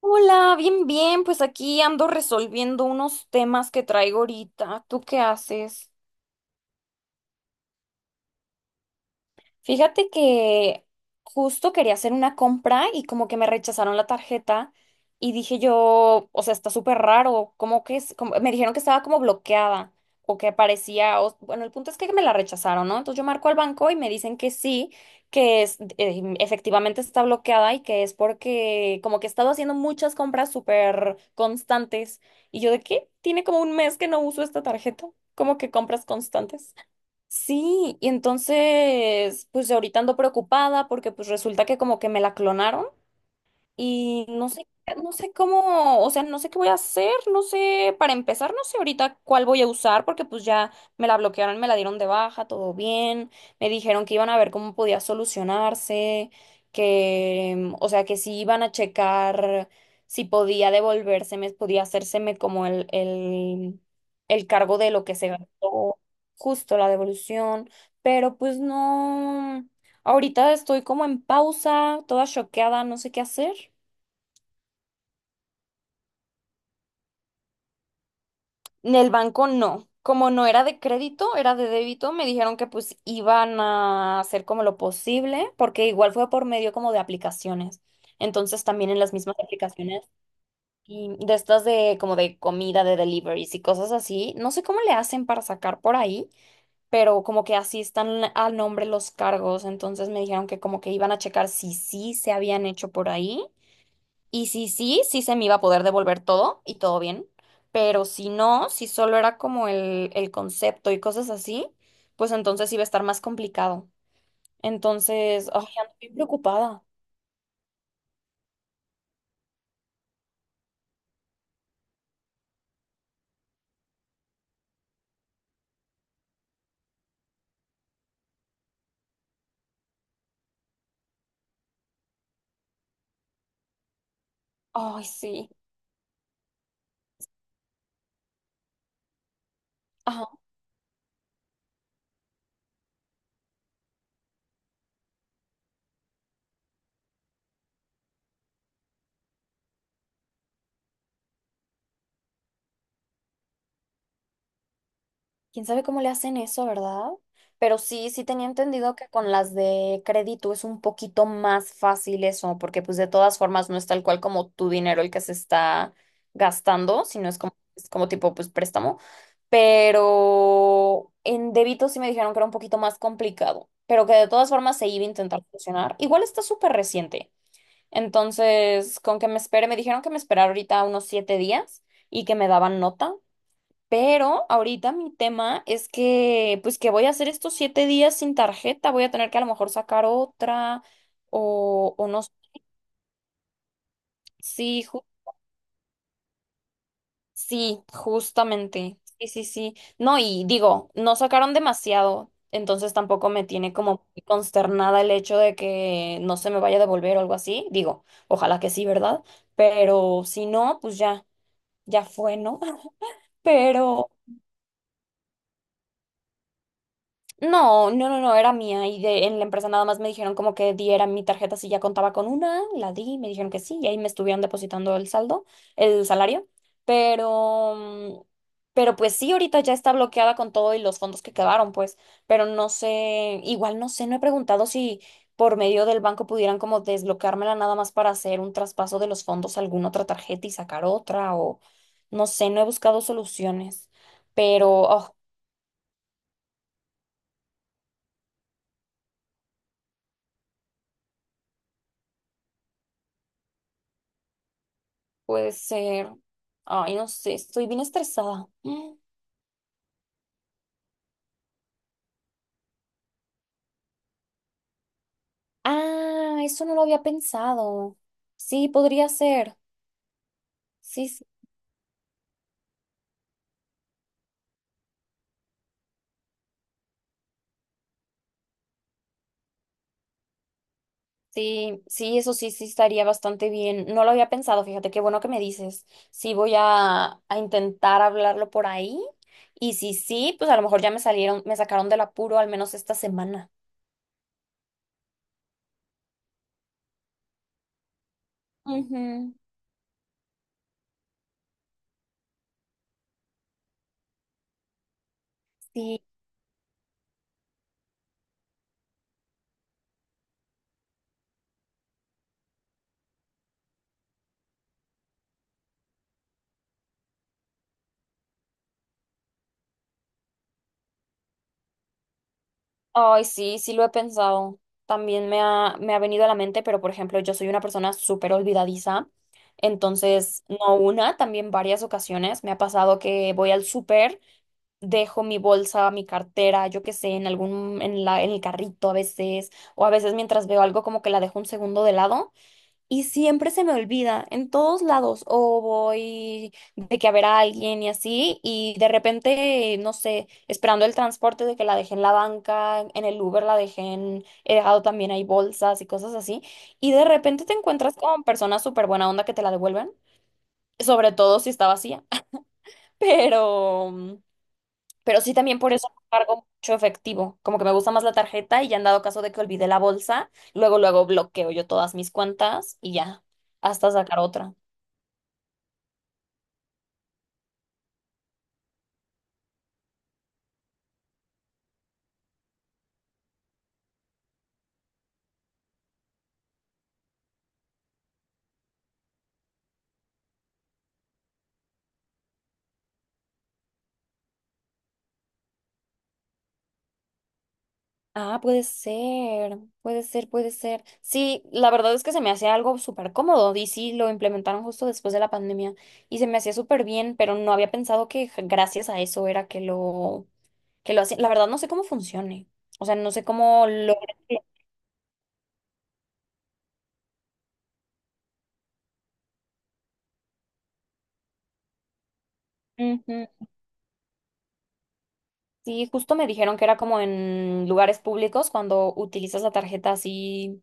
Hola, bien, bien, pues aquí ando resolviendo unos temas que traigo ahorita. ¿Tú qué haces? Fíjate que justo quería hacer una compra y como que me rechazaron la tarjeta y dije yo, o sea, está súper raro, como que es, me dijeron que estaba como bloqueada o que aparecía, o- bueno, el punto es que me la rechazaron, ¿no? Entonces yo marco al banco y me dicen que sí, que es, efectivamente está bloqueada y que es porque como que he estado haciendo muchas compras súper constantes y yo de qué, tiene como un mes que no uso esta tarjeta, como que compras constantes. Sí, y entonces, pues ahorita ando preocupada porque pues resulta que como que me la clonaron. Y no sé, no sé cómo, o sea, no sé qué voy a hacer, no sé, para empezar, no sé ahorita cuál voy a usar, porque pues ya me la bloquearon, me la dieron de baja, todo bien, me dijeron que iban a ver cómo podía solucionarse, que, o sea, que si iban a checar si podía devolvérseme, podía hacérseme como el cargo de lo que se gastó, justo la devolución, pero pues no. Ahorita estoy como en pausa, toda choqueada, no sé qué hacer. En el banco no. Como no era de crédito, era de débito, me dijeron que pues iban a hacer como lo posible, porque igual fue por medio como de aplicaciones. Entonces también en las mismas aplicaciones y de estas de como de comida, de deliveries y cosas así, no sé cómo le hacen para sacar por ahí, pero como que así están al nombre los cargos. Entonces me dijeron que como que iban a checar si sí se habían hecho por ahí y si sí, sí se me iba a poder devolver todo y todo bien, pero si no, si solo era como el concepto y cosas así, pues entonces iba a estar más complicado. Entonces, ay, ando bien preocupada. Ay, sí. ¿Quién sabe cómo le hacen eso, verdad? Pero sí, sí tenía entendido que con las de crédito es un poquito más fácil eso, porque pues de todas formas no es tal cual como tu dinero el que se está gastando, sino es como tipo pues préstamo. Pero en débito sí me dijeron que era un poquito más complicado, pero que de todas formas se iba a intentar funcionar. Igual está súper reciente. Entonces, con que me espere, me dijeron que me esperara ahorita unos 7 días y que me daban nota. Pero ahorita mi tema es que, pues que voy a hacer estos 7 días sin tarjeta, voy a tener que a lo mejor sacar otra o no. Sí, sí, justamente. Sí, sí, sí. No, y digo, no sacaron demasiado, entonces tampoco me tiene como muy consternada el hecho de que no se me vaya a devolver o algo así. Digo, ojalá que sí, ¿verdad? Pero si no, pues ya, ya fue, ¿no? Pero... No, no, no, no, era mía y de, en la empresa nada más me dijeron como que diera mi tarjeta si ya contaba con una, la di, me dijeron que sí y ahí me estuvieron depositando el saldo, el salario, pero, mm, pero pues sí, ahorita ya está bloqueada con todo y los fondos que quedaron, pues, pero no sé, igual no sé, no he preguntado si por medio del banco pudieran como desbloqueármela nada más para hacer un traspaso de los fondos a alguna otra tarjeta y sacar otra o no sé, no he buscado soluciones. Pero, oh, puede ser. Ay, no sé, estoy bien estresada. Mm. Ah, eso no lo había pensado. Sí, podría ser. Sí, sí, sí, sí, eso sí, sí estaría bastante bien. No lo había pensado, fíjate, qué bueno que me dices. Sí, voy a intentar hablarlo por ahí. Y si sí, pues a lo mejor ya me salieron, me sacaron del apuro al menos esta semana. Ujú, sí. Ay, sí, sí lo he pensado. También me ha venido a la mente, pero por ejemplo, yo soy una persona súper olvidadiza. Entonces, no una, también varias ocasiones me ha pasado que voy al súper, dejo mi bolsa, mi cartera, yo qué sé, en algún, en la, en el carrito a veces, o a veces mientras veo algo como que la dejo un segundo de lado y siempre se me olvida, en todos lados, o voy de que a ver a alguien y así, y de repente, no sé, esperando el transporte de que la dejé en la banca, en el Uber la dejé en, he dejado también ahí bolsas y cosas así, y de repente te encuentras con personas súper buena onda que te la devuelven, sobre todo si está vacía, pero, mm, pero sí también por eso no cargo mucho efectivo, como que me gusta más la tarjeta y ya han dado caso de que olvidé la bolsa, luego, luego bloqueo yo todas mis cuentas y ya, hasta sacar otra. Ah, puede ser, puede ser, puede ser. Sí, la verdad es que se me hacía algo súper cómodo y sí, lo implementaron justo después de la pandemia y se me hacía súper bien, pero no había pensado que gracias a eso era que lo hacían. La verdad no sé cómo funcione, o sea, no sé cómo lo... Ujú. Sí, justo me dijeron que era como en lugares públicos cuando utilizas la tarjeta así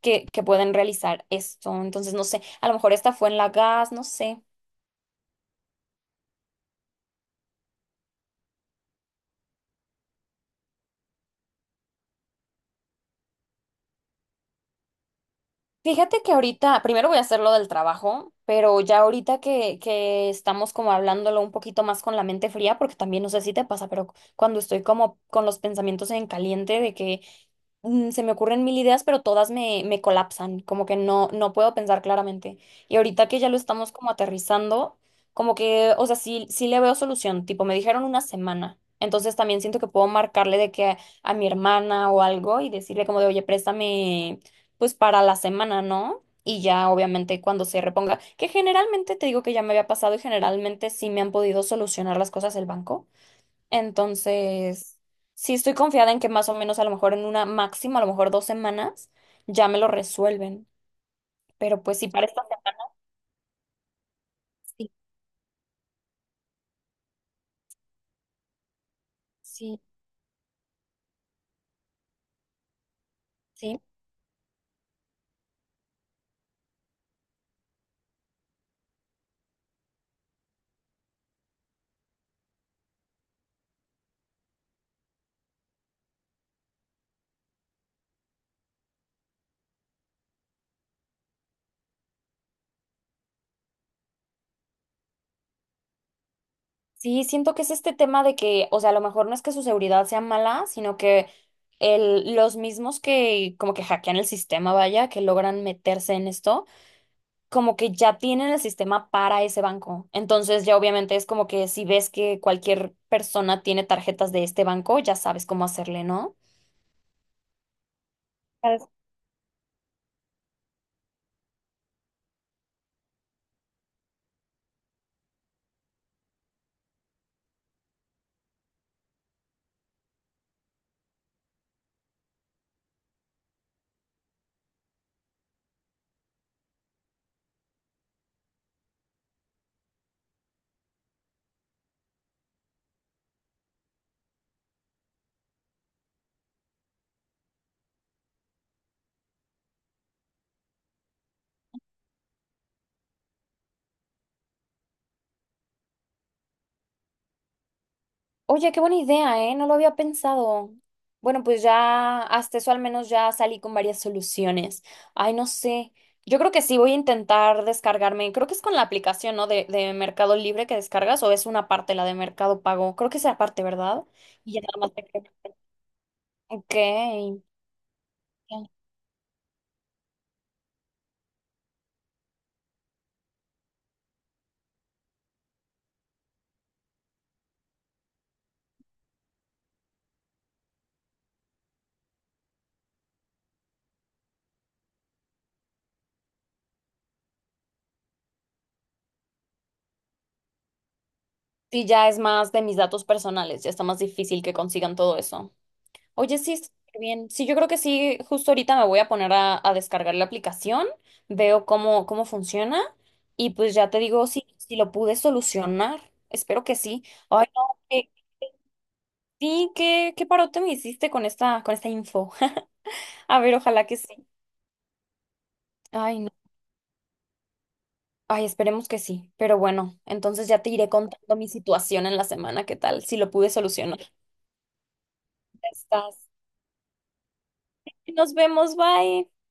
que pueden realizar esto, entonces no sé, a lo mejor esta fue en la gas, no sé. Fíjate que ahorita, primero voy a hacer lo del trabajo, pero ya ahorita que estamos como hablándolo un poquito más con la mente fría, porque también no sé si te pasa, pero cuando estoy como con los pensamientos en caliente de que se me ocurren mil ideas, pero todas me colapsan, como que no, no puedo pensar claramente. Y ahorita que ya lo estamos como aterrizando, como que, o sea, sí, sí le veo solución, tipo, me dijeron una semana. Entonces también siento que puedo marcarle de que a mi hermana o algo y decirle como de, oye, préstame pues para la semana, ¿no? Y ya obviamente cuando se reponga, que generalmente te digo que ya me había pasado y generalmente sí me han podido solucionar las cosas el banco. Entonces, sí estoy confiada en que más o menos a lo mejor en una máxima, a lo mejor 2 semanas, ya me lo resuelven. Pero pues sí, para esta semana sí, sí, sí. Sí, siento que es este tema de que, o sea, a lo mejor no es que su seguridad sea mala, sino que los mismos que como que hackean el sistema, vaya, que logran meterse en esto, como que ya tienen el sistema para ese banco. Entonces ya obviamente es como que si ves que cualquier persona tiene tarjetas de este banco, ya sabes cómo hacerle, ¿no? Oye, qué buena idea, ¿eh? No lo había pensado. Bueno, pues ya hasta eso al menos ya salí con varias soluciones. Ay, no sé. Yo creo que sí voy a intentar descargarme. Creo que es con la aplicación, ¿no? De Mercado Libre que descargas o es una parte la de Mercado Pago. Creo que es la parte, ¿verdad? Y ya nada más te creo. Ok. Sí, ya es más de mis datos personales. Ya está más difícil que consigan todo eso. Oye, sí, está súper bien. Sí, yo creo que sí, justo ahorita me voy a poner a descargar la aplicación, veo cómo funciona y pues ya te digo si, si lo pude solucionar. Espero que sí. Ay, no, que sí, qué parote me hiciste con esta info. A ver, ojalá que sí. Ay, no. Ay, esperemos que sí. Pero bueno, entonces ya te iré contando mi situación en la semana, ¿qué tal? Si lo pude solucionar. Ya estás. Nos vemos, bye.